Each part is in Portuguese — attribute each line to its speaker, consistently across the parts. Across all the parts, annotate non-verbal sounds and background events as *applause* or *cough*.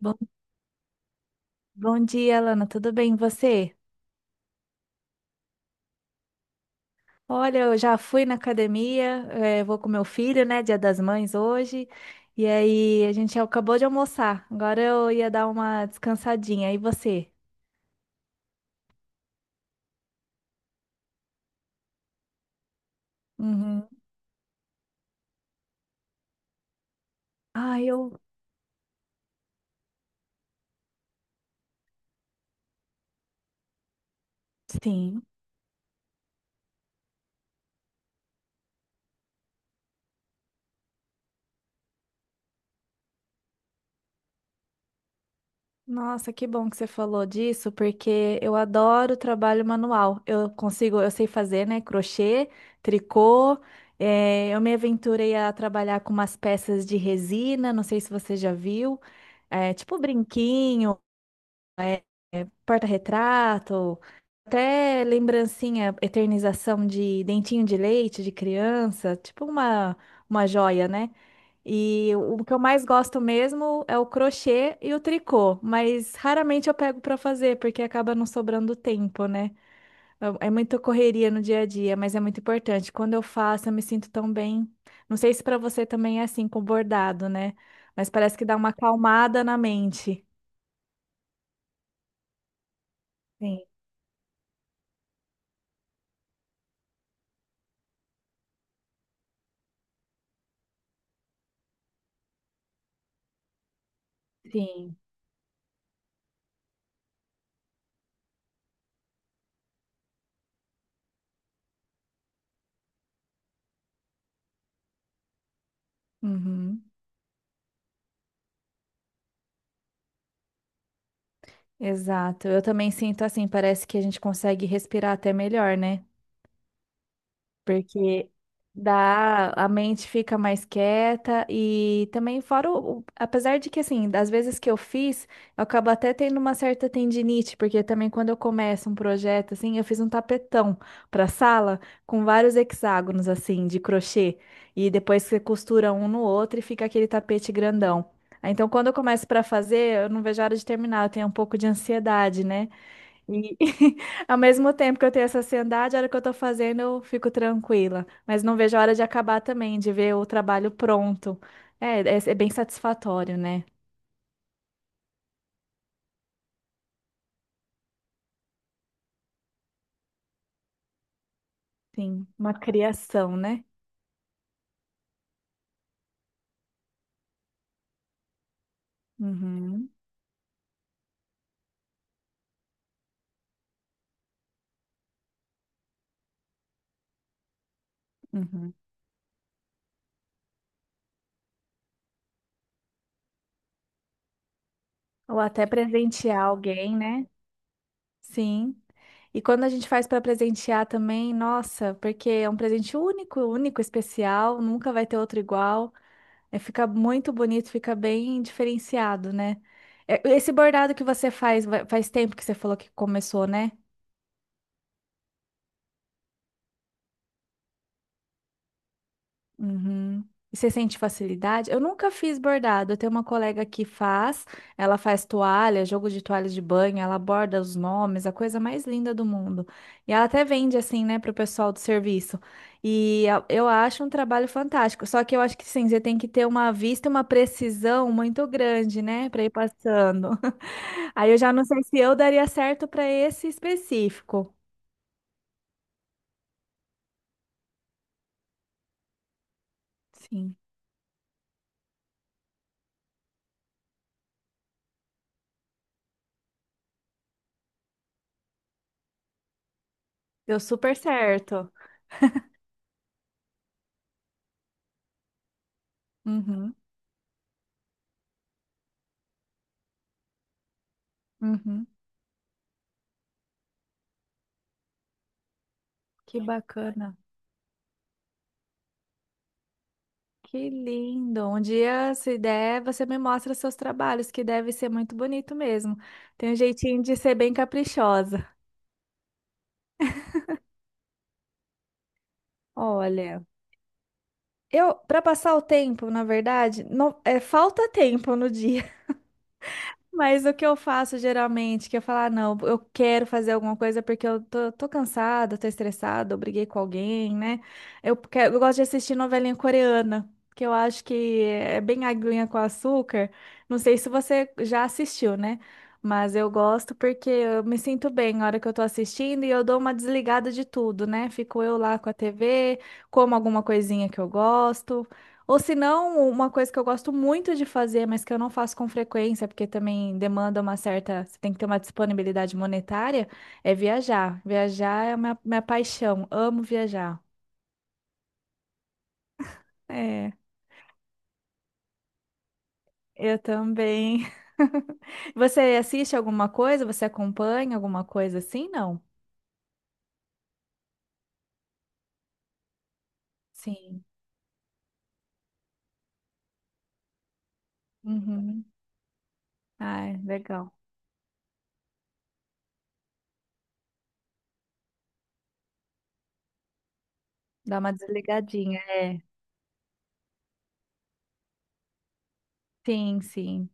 Speaker 1: Bom, bom dia, Lana. Tudo bem, e você? Olha, eu já fui na academia, vou com meu filho, né? Dia das Mães hoje. E aí, a gente acabou de almoçar. Agora eu ia dar uma descansadinha. E você? Uhum. Ah, eu. Sim. Nossa, que bom que você falou disso, porque eu adoro trabalho manual. Eu consigo, eu sei fazer, né? Crochê, tricô. Eu me aventurei a trabalhar com umas peças de resina, não sei se você já viu, tipo brinquinho, porta-retrato, até lembrancinha, eternização de dentinho de leite de criança, tipo uma joia, né? E o que eu mais gosto mesmo é o crochê e o tricô, mas raramente eu pego para fazer porque acaba não sobrando tempo, né? É muita correria no dia a dia, mas é muito importante. Quando eu faço, eu me sinto tão bem. Não sei se para você também é assim com bordado, né? Mas parece que dá uma acalmada na mente. Sim, sim. Uhum, exato. Eu também sinto assim, parece que a gente consegue respirar até melhor, né? Porque dá, a mente fica mais quieta e também fora apesar de que assim, das vezes que eu fiz, eu acabo até tendo uma certa tendinite, porque também quando eu começo um projeto assim, eu fiz um tapetão para sala com vários hexágonos assim de crochê e depois você costura um no outro e fica aquele tapete grandão. Aí, então, quando eu começo para fazer, eu não vejo a hora de terminar, eu tenho um pouco de ansiedade, né? E *laughs* ao mesmo tempo que eu tenho essa ansiedade, a hora que eu tô fazendo, eu fico tranquila. Mas não vejo a hora de acabar também, de ver o trabalho pronto. É bem satisfatório, né? Sim, uma criação, né? Uhum, uhum. Ou até presentear alguém, né? Sim. E quando a gente faz para presentear também, nossa, porque é um presente único, único, especial, nunca vai ter outro igual. É, fica muito bonito, fica bem diferenciado, né? É, esse bordado que você faz, faz tempo que você falou que começou, né? Uhum. E você sente facilidade? Eu nunca fiz bordado. Eu tenho uma colega que faz, ela faz toalha, jogo de toalhas de banho, ela borda os nomes, a coisa mais linda do mundo. E ela até vende assim, né, pro pessoal do serviço. E eu acho um trabalho fantástico. Só que eu acho que sim, você tem que ter uma vista e uma precisão muito grande, né, para ir passando. *laughs* Aí eu já não sei se eu daria certo para esse específico. Sim, deu super certo. Uhum, uhum. Que bacana. Que lindo! Um dia, se der, você me mostra seus trabalhos, que deve ser muito bonito mesmo. Tem um jeitinho de ser bem caprichosa. Olha, eu, para passar o tempo, na verdade, não, é, falta tempo no dia. Mas o que eu faço geralmente, que eu falo, ah, não, eu quero fazer alguma coisa porque eu tô, tô cansada, tô estressada, eu briguei com alguém, né? Eu, eu gosto de assistir novelinha coreana, que eu acho que é bem aguinha com açúcar. Não sei se você já assistiu, né? Mas eu gosto porque eu me sinto bem na hora que eu tô assistindo e eu dou uma desligada de tudo, né? Fico eu lá com a TV, como alguma coisinha que eu gosto. Ou se não, uma coisa que eu gosto muito de fazer, mas que eu não faço com frequência, porque também demanda uma certa, você tem que ter uma disponibilidade monetária, é viajar. Viajar é a minha, minha paixão. Amo viajar. É, eu também. *laughs* Você assiste alguma coisa? Você acompanha alguma coisa assim? Não? Sim. Uhum. Ai, legal. Dá uma desligadinha, é. Sim, sim.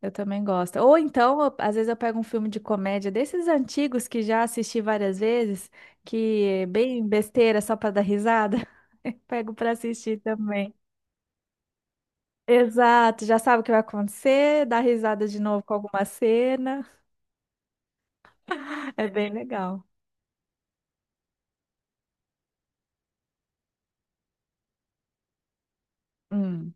Speaker 1: Eu também gosto. Ou então, às vezes eu pego um filme de comédia desses antigos que já assisti várias vezes, que é bem besteira só para dar risada. *laughs* Eu pego para assistir também. Exato, já sabe o que vai acontecer, dá risada de novo com alguma cena. *laughs* É bem legal. Hum,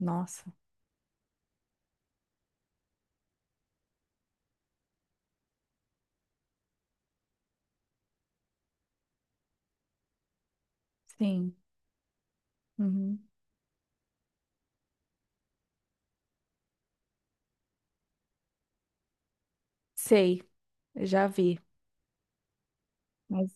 Speaker 1: nossa, sim. Uhum. Sei, eu já vi. Mas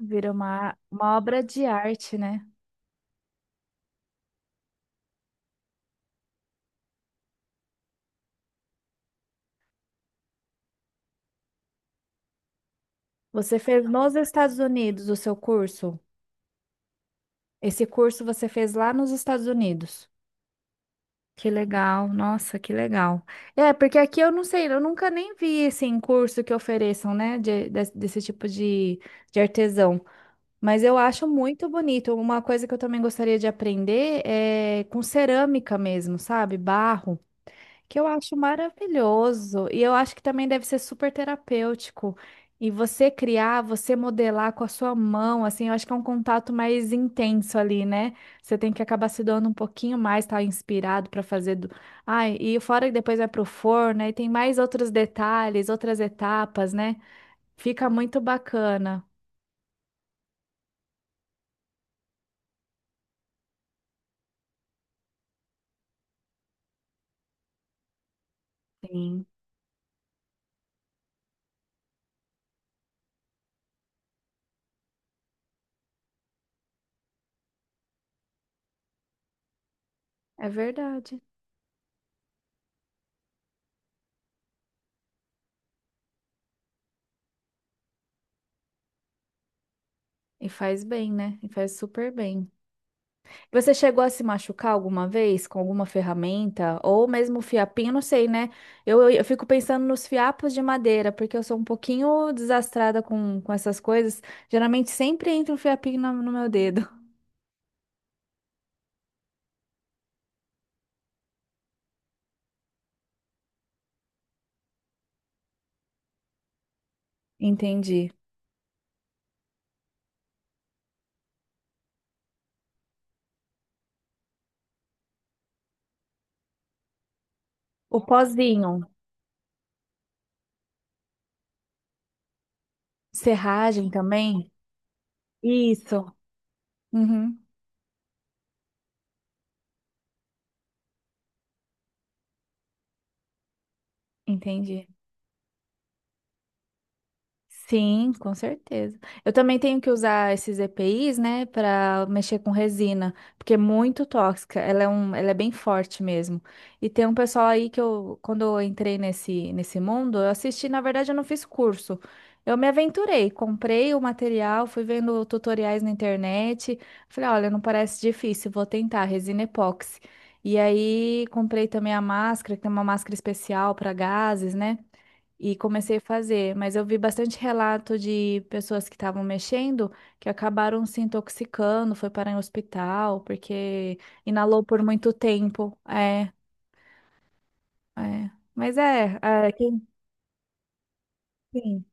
Speaker 1: vira uma obra de arte, né? Você fez nos Estados Unidos o seu curso? Esse curso você fez lá nos Estados Unidos. Que legal, nossa, que legal. É, porque aqui eu não sei, eu nunca nem vi assim curso que ofereçam, né, desse tipo de artesão. Mas eu acho muito bonito. Uma coisa que eu também gostaria de aprender é com cerâmica mesmo, sabe? Barro que eu acho maravilhoso. E eu acho que também deve ser super terapêutico. E você criar, você modelar com a sua mão, assim, eu acho que é um contato mais intenso ali, né? Você tem que acabar se doando um pouquinho mais, tá inspirado para fazer do... Ai, e fora que depois vai pro forno, aí tem mais outros detalhes, outras etapas, né? Fica muito bacana. Sim. É verdade. E faz bem, né? E faz super bem. Você chegou a se machucar alguma vez com alguma ferramenta ou mesmo fiapinho? Não sei, né? Eu fico pensando nos fiapos de madeira, porque eu sou um pouquinho desastrada com essas coisas. Geralmente sempre entra um fiapinho no, no meu dedo. *laughs* Entendi. O pozinho, serragem também? Isso. Uhum, entendi. Sim, com certeza. Eu também tenho que usar esses EPIs, né, para mexer com resina, porque é muito tóxica. Ela é um, ela é bem forte mesmo. E tem um pessoal aí que eu, quando eu entrei nesse mundo, eu assisti, na verdade, eu não fiz curso. Eu me aventurei, comprei o material, fui vendo tutoriais na internet. Falei, olha, não parece difícil, vou tentar resina epóxi. E aí comprei também a máscara, que tem uma máscara especial para gases, né? E comecei a fazer, mas eu vi bastante relato de pessoas que estavam mexendo que acabaram se intoxicando, foi parar em hospital porque inalou por muito tempo. É, é. Mas é, é quem, sim.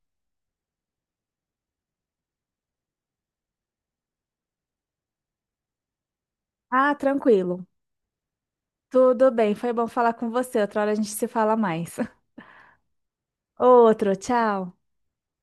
Speaker 1: Ah, tranquilo. Tudo bem, foi bom falar com você. Outra hora a gente se fala mais. *laughs* Outro, tchau.